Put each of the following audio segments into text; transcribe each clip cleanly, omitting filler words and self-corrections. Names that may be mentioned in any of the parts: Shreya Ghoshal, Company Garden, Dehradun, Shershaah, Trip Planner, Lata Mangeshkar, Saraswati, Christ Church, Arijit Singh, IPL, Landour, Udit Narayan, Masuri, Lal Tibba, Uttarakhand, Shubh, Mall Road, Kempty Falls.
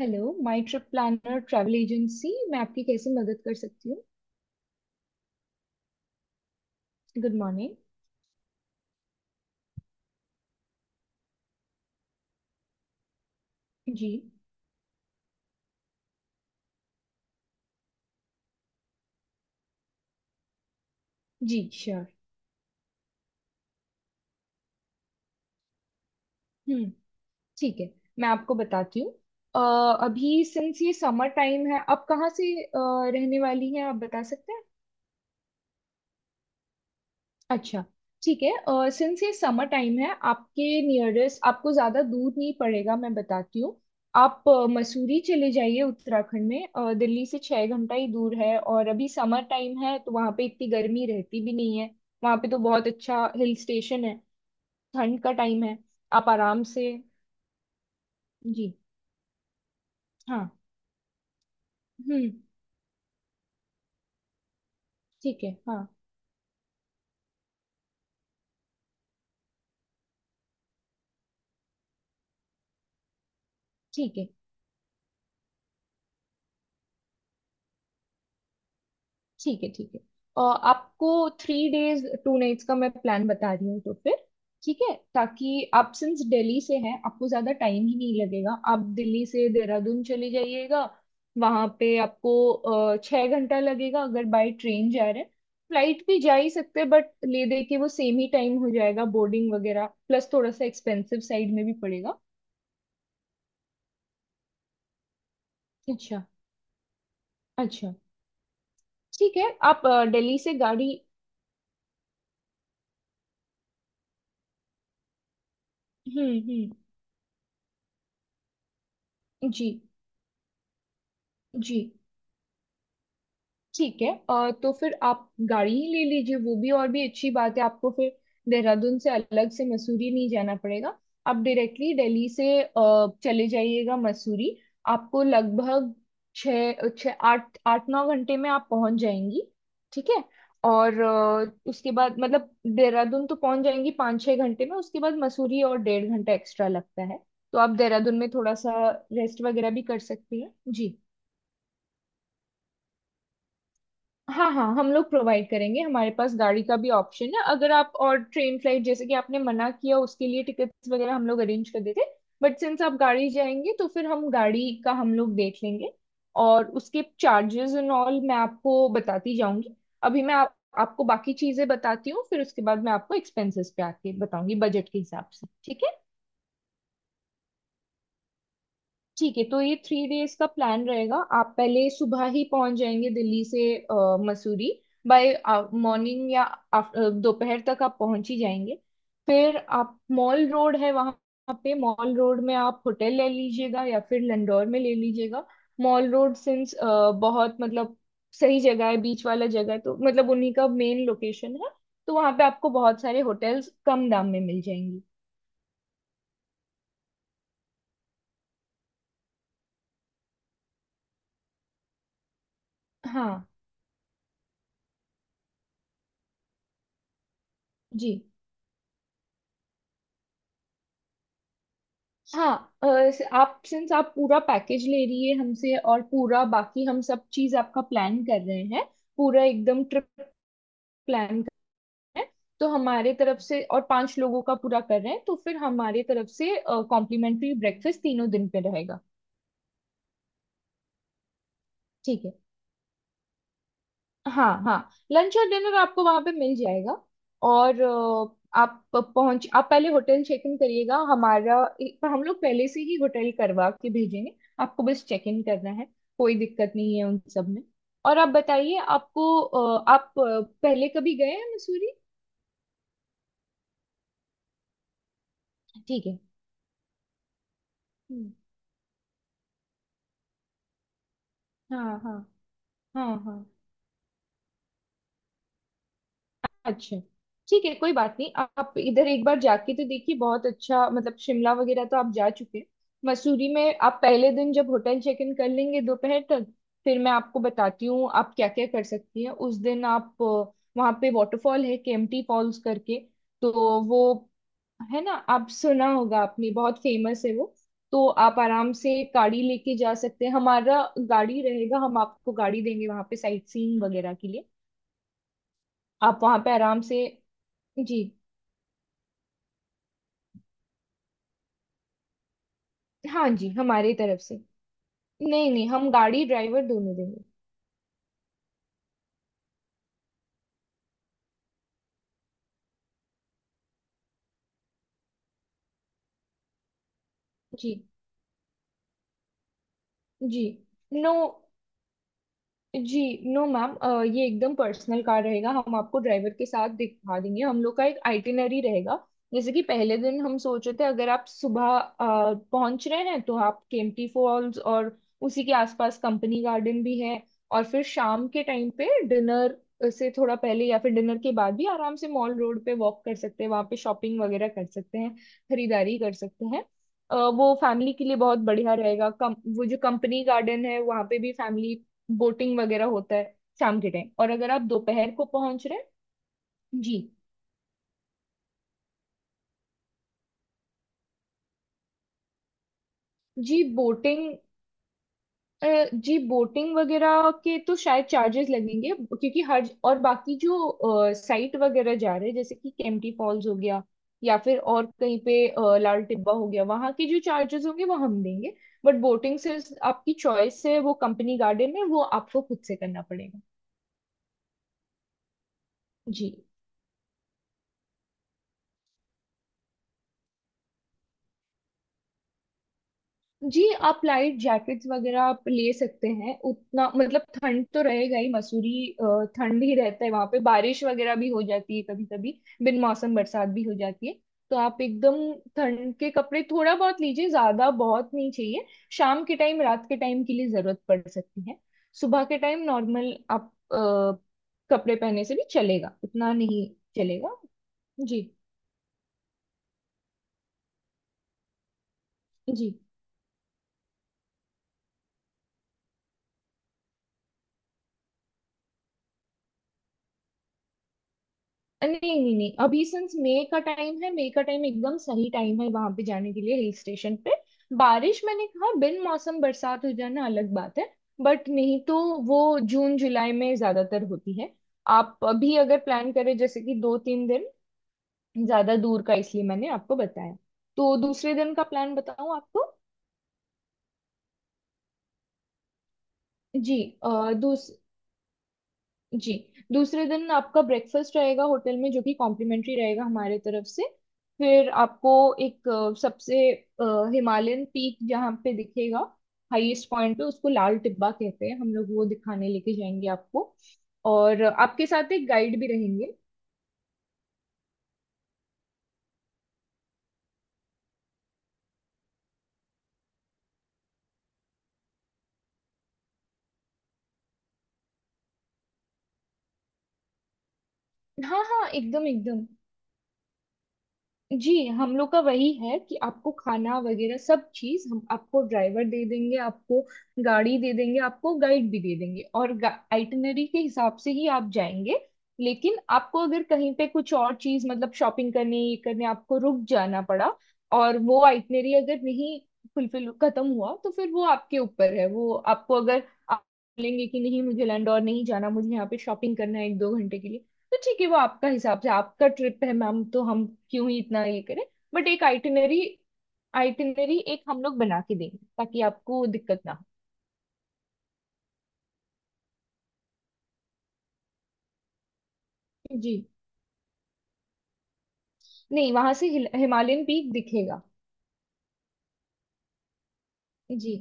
Hello, my trip planner travel agency. मैं आपकी कैसे मदद कर सकती हूँ? Good morning. जी। जी श्योर। हम्म। ठीक है, मैं आपको बताती हूँ। अभी सिंस ये समर टाइम है, आप कहाँ से रहने वाली हैं, आप बता सकते हैं? अच्छा। ठीक है। और सिंस ये समर टाइम है, आपके नियरेस्ट आपको ज़्यादा दूर नहीं पड़ेगा, मैं बताती हूँ। आप मसूरी चले जाइए, उत्तराखंड में। दिल्ली से 6 घंटा ही दूर है और अभी समर टाइम है, तो वहाँ पे इतनी गर्मी रहती भी नहीं है। वहाँ पे तो बहुत अच्छा हिल स्टेशन है। ठंड का टाइम है। आप आराम से। जी। हाँ। हम्म। ठीक है, हाँ। ठीक है, ठीक है। ठीक है। और आपको 3 डेज 2 नाइट्स का मैं प्लान बता रही हूँ तो फिर। ठीक है, ताकि आप, सिंस दिल्ली से हैं, आपको ज्यादा टाइम ही नहीं लगेगा। आप दिल्ली से देहरादून चले जाइएगा। वहां पे आपको 6 घंटा लगेगा, अगर बाय ट्रेन जा रहे हैं। फ्लाइट भी जा ही सकते हैं, बट ले दे के वो सेम ही टाइम हो जाएगा, बोर्डिंग वगैरह प्लस थोड़ा सा एक्सपेंसिव साइड में भी पड़ेगा। अच्छा, अच्छा। ठीक है। आप दिल्ली से गाड़ी। हम्म, हम्म। जी। जी। ठीक है। तो फिर आप गाड़ी ही ले लीजिए, वो भी और भी अच्छी बात है। आपको फिर देहरादून से अलग से मसूरी नहीं जाना पड़ेगा। आप डायरेक्टली दिल्ली से चले जाइएगा मसूरी। आपको लगभग छः छः आठ आठ नौ घंटे में आप पहुंच जाएंगी। ठीक है। और उसके बाद मतलब, देहरादून तो पहुंच जाएंगी 5-6 घंटे में, उसके बाद मसूरी और 1.5 घंटा एक्स्ट्रा लगता है। तो आप देहरादून में थोड़ा सा रेस्ट वगैरह भी कर सकती हैं जी। हाँ, हाँ, हम लोग प्रोवाइड करेंगे। हमारे पास गाड़ी का भी ऑप्शन है। अगर आप और ट्रेन फ्लाइट, जैसे कि आपने मना किया, उसके लिए टिकट्स वगैरह हम लोग अरेंज कर देते। बट सिंस आप गाड़ी जाएंगे, तो फिर हम गाड़ी का हम लोग देख लेंगे। और उसके चार्जेस एंड ऑल मैं आपको बताती जाऊंगी। अभी मैं आपको बाकी चीजें बताती हूँ, फिर उसके बाद मैं आपको एक्सपेंसेस पे आके बताऊंगी बजट के हिसाब से, ठीक है? ठीक है। तो ये 3 डेज का प्लान रहेगा। आप पहले सुबह ही पहुंच जाएंगे दिल्ली से मसूरी। बाय मॉर्निंग या दोपहर तक आप पहुंच ही जाएंगे। फिर आप, मॉल रोड है वहां पे, मॉल रोड में आप होटल ले लीजिएगा या फिर लंडौर में ले लीजिएगा। मॉल रोड सिंस बहुत मतलब सही जगह है, बीच वाला जगह है, तो मतलब उन्हीं का मेन लोकेशन है। तो वहां पे आपको बहुत सारे होटल्स कम दाम में मिल जाएंगी। हाँ। जी। हाँ। आप, सिंस आप पूरा पैकेज ले रही है हमसे, और पूरा बाकी हम सब चीज आपका प्लान कर रहे हैं, पूरा एकदम ट्रिप प्लान कर रहे हैं, तो हमारे तरफ से, और 5 लोगों का पूरा कर रहे हैं, तो फिर हमारे तरफ से कॉम्प्लीमेंट्री ब्रेकफास्ट तीनों दिन पे रहेगा। ठीक है। हाँ, हाँ। लंच और डिनर आपको वहां पे मिल जाएगा। और आप पहले होटल चेक इन करिएगा हमारा, पर हम लोग पहले से ही होटल करवा के भेजेंगे। आपको बस चेक इन करना है। कोई दिक्कत नहीं है उन सब में। और आप बताइए, पहले कभी गए हैं मसूरी? ठीक है। हम्म, हाँ, हाँ। हाँ, हाँ। अच्छा। ठीक है, कोई बात नहीं। आप इधर एक बार जाके तो देखिए, बहुत अच्छा मतलब। शिमला वगैरह तो आप जा चुके हैं। मसूरी में आप पहले दिन जब होटल चेक इन कर लेंगे दोपहर तक, फिर मैं आपको बताती हूँ आप क्या क्या कर सकती हैं। उस दिन आप वहाँ पे वाटरफॉल है, केम्प्टी फॉल्स करके। तो वो, है ना, आप सुना होगा आपने, बहुत फेमस है वो। तो आप आराम से गाड़ी लेके जा सकते हैं, हमारा गाड़ी रहेगा। हम आपको गाड़ी देंगे वहाँ पे साइट सीइंग वगैरह के लिए। आप वहाँ पे आराम से। जी। हाँ जी, हमारी तरफ से। नहीं, नहीं, हम गाड़ी ड्राइवर दोनों देंगे। जी। जी। नो। जी। नो मैम, ये एकदम पर्सनल कार रहेगा। हम आपको ड्राइवर के साथ दिखा देंगे, हम लोग का एक आइटिनरी रहेगा। जैसे कि पहले दिन हम सोच रहे थे, अगर आप सुबह पहुंच रहे हैं, तो आप केम्प्टी फॉल्स और उसी के आसपास कंपनी गार्डन भी है। और फिर शाम के टाइम पे डिनर से थोड़ा पहले या फिर डिनर के बाद भी आराम से मॉल रोड पे वॉक कर सकते हैं, वहाँ पे शॉपिंग वगैरह कर सकते हैं, खरीदारी कर सकते हैं। वो फैमिली के लिए बहुत बढ़िया रहेगा। कम वो जो कंपनी गार्डन है वहाँ पे भी फैमिली बोटिंग वगैरह होता है शाम के टाइम, और अगर आप दोपहर को पहुंच रहे हैं। जी। जी, बोटिंग, जी, बोटिंग वगैरह के तो शायद चार्जेस लगेंगे, क्योंकि हर और बाकी जो साइट वगैरह जा रहे हैं, जैसे कि केम्प्टी फॉल्स हो गया या फिर और कहीं पे लाल टिब्बा हो गया, वहाँ के जो चार्जेस होंगे वो हम देंगे। बट बोटिंग से, आपकी चॉइस है, वो कंपनी गार्डन है वो आपको खुद से करना पड़ेगा। जी। जी, आप लाइट जैकेट्स वगैरह आप ले सकते हैं, उतना मतलब। ठंड तो रहेगा ही मसूरी। ठंड ही रहता है वहां पे, बारिश वगैरह भी हो जाती है कभी कभी, बिन मौसम बरसात भी हो जाती है। तो आप एकदम ठंड के कपड़े थोड़ा बहुत लीजिए, ज्यादा बहुत नहीं चाहिए। शाम के टाइम, रात के टाइम के लिए जरूरत पड़ सकती है। सुबह के टाइम नॉर्मल आप कपड़े पहने से भी चलेगा, उतना नहीं चलेगा। जी। जी। नहीं, नहीं, नहीं, अभी सिंस मई का टाइम है। मई का टाइम एकदम सही टाइम है वहां पे जाने के लिए हिल स्टेशन पे। बारिश, मैंने कहा, बिन मौसम बरसात हो जाना अलग बात है। बट नहीं तो वो जून जुलाई में ज्यादातर होती है। आप अभी अगर प्लान करें, जैसे कि 2-3 दिन, ज्यादा दूर का इसलिए मैंने आपको बताया। तो दूसरे दिन का प्लान बताऊं आपको? जी। जी। दूसरे दिन आपका ब्रेकफास्ट रहेगा होटल में, जो कि कॉम्प्लीमेंट्री रहेगा हमारे तरफ से। फिर आपको एक सबसे हिमालयन पीक जहाँ पे दिखेगा, हाईएस्ट पॉइंट पे, उसको लाल टिब्बा कहते हैं हम लोग, वो दिखाने लेके जाएंगे आपको। और आपके साथ एक गाइड भी रहेंगे। हाँ, हाँ, एकदम, एकदम। जी, हम लोग का वही है कि आपको खाना वगैरह सब चीज हम आपको, ड्राइवर दे देंगे, आपको गाड़ी दे देंगे, आपको गाइड भी दे देंगे, और आइटिनरी के हिसाब से ही आप जाएंगे। लेकिन आपको अगर कहीं पे कुछ और चीज मतलब शॉपिंग करने, ये करने, आपको रुक जाना पड़ा, और वो आइटिनरी अगर नहीं फुलफिल, खत्म हुआ, तो फिर वो आपके ऊपर है। वो आपको, अगर आप बोलेंगे कि नहीं मुझे लंडौर नहीं जाना, मुझे यहाँ पे शॉपिंग करना है 1-2 घंटे के लिए, तो ठीक है। वो आपका हिसाब से, आपका ट्रिप है मैम, तो हम क्यों ही इतना ये करें। बट एक आइटिनरी, आइटिनरी एक हम लोग बना के देंगे ताकि आपको दिक्कत ना हो। जी। नहीं, वहां से हिमालयन पीक दिखेगा। जी। जी।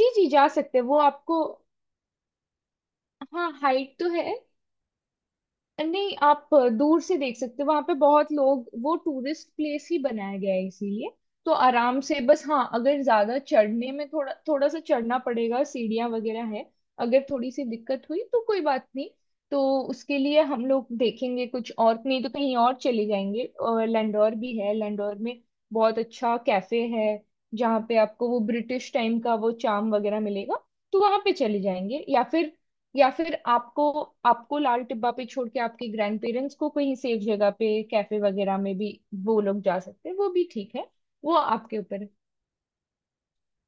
जी, जा सकते हैं वो आपको। हाँ, हाइट तो है। नहीं, आप दूर से देख सकते हो, वहां पे बहुत लोग, वो टूरिस्ट प्लेस ही बनाया गया है इसीलिए। तो आराम से बस। हाँ, अगर ज्यादा चढ़ने में थोड़ा थोड़ा सा चढ़ना पड़ेगा, सीढ़ियाँ वगैरह है, अगर थोड़ी सी दिक्कत हुई तो कोई बात नहीं। तो उसके लिए हम लोग देखेंगे, कुछ और नहीं तो कहीं और चले जाएंगे, और लैंडोर भी है, लैंडोर में बहुत अच्छा कैफे है, जहाँ पे आपको वो ब्रिटिश टाइम का वो चार्म वगैरह मिलेगा। तो वहां पे चले जाएंगे, या फिर, या फिर आपको, लाल टिब्बा पे छोड़ के आपके ग्रैंड पेरेंट्स को कहीं सेफ जगह पे कैफे वगैरह में भी वो लोग जा सकते हैं, वो भी ठीक है। वो आपके ऊपर है।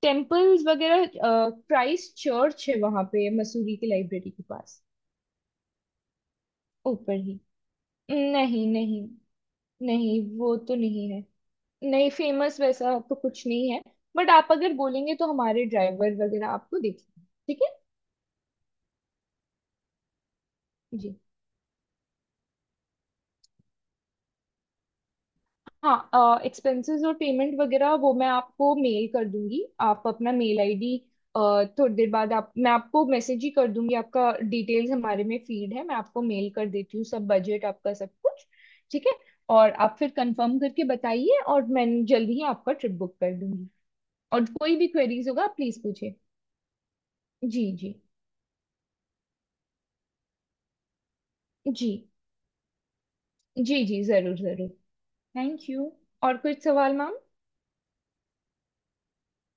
टेम्पल्स वगैरह, क्राइस्ट चर्च है वहां पे मसूरी की लाइब्रेरी के पास, ऊपर ही। नहीं, नहीं, नहीं, वो तो नहीं है। नहीं, फेमस वैसा तो कुछ नहीं है। बट आप अगर बोलेंगे तो हमारे ड्राइवर वगैरह आपको देखेंगे, ठीक है? जी। हाँ, एक्सपेंसेस और पेमेंट वगैरह वो मैं आपको मेल कर दूंगी, आप अपना मेल आईडी। थोड़ी देर बाद, आप मैं आपको मैसेज ही कर दूंगी, आपका डिटेल्स हमारे में फीड है। मैं आपको मेल कर देती हूँ सब, बजट आपका सब कुछ। ठीक है। और आप फिर कंफर्म करके बताइए, और मैं जल्दी ही आपका ट्रिप बुक कर दूंगी। और कोई भी क्वेरीज होगा, प्लीज पूछे। जी। जी। जी। जी। जी, जरूर, जरूर। Thank you. और कुछ सवाल मैम?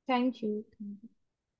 Thank you.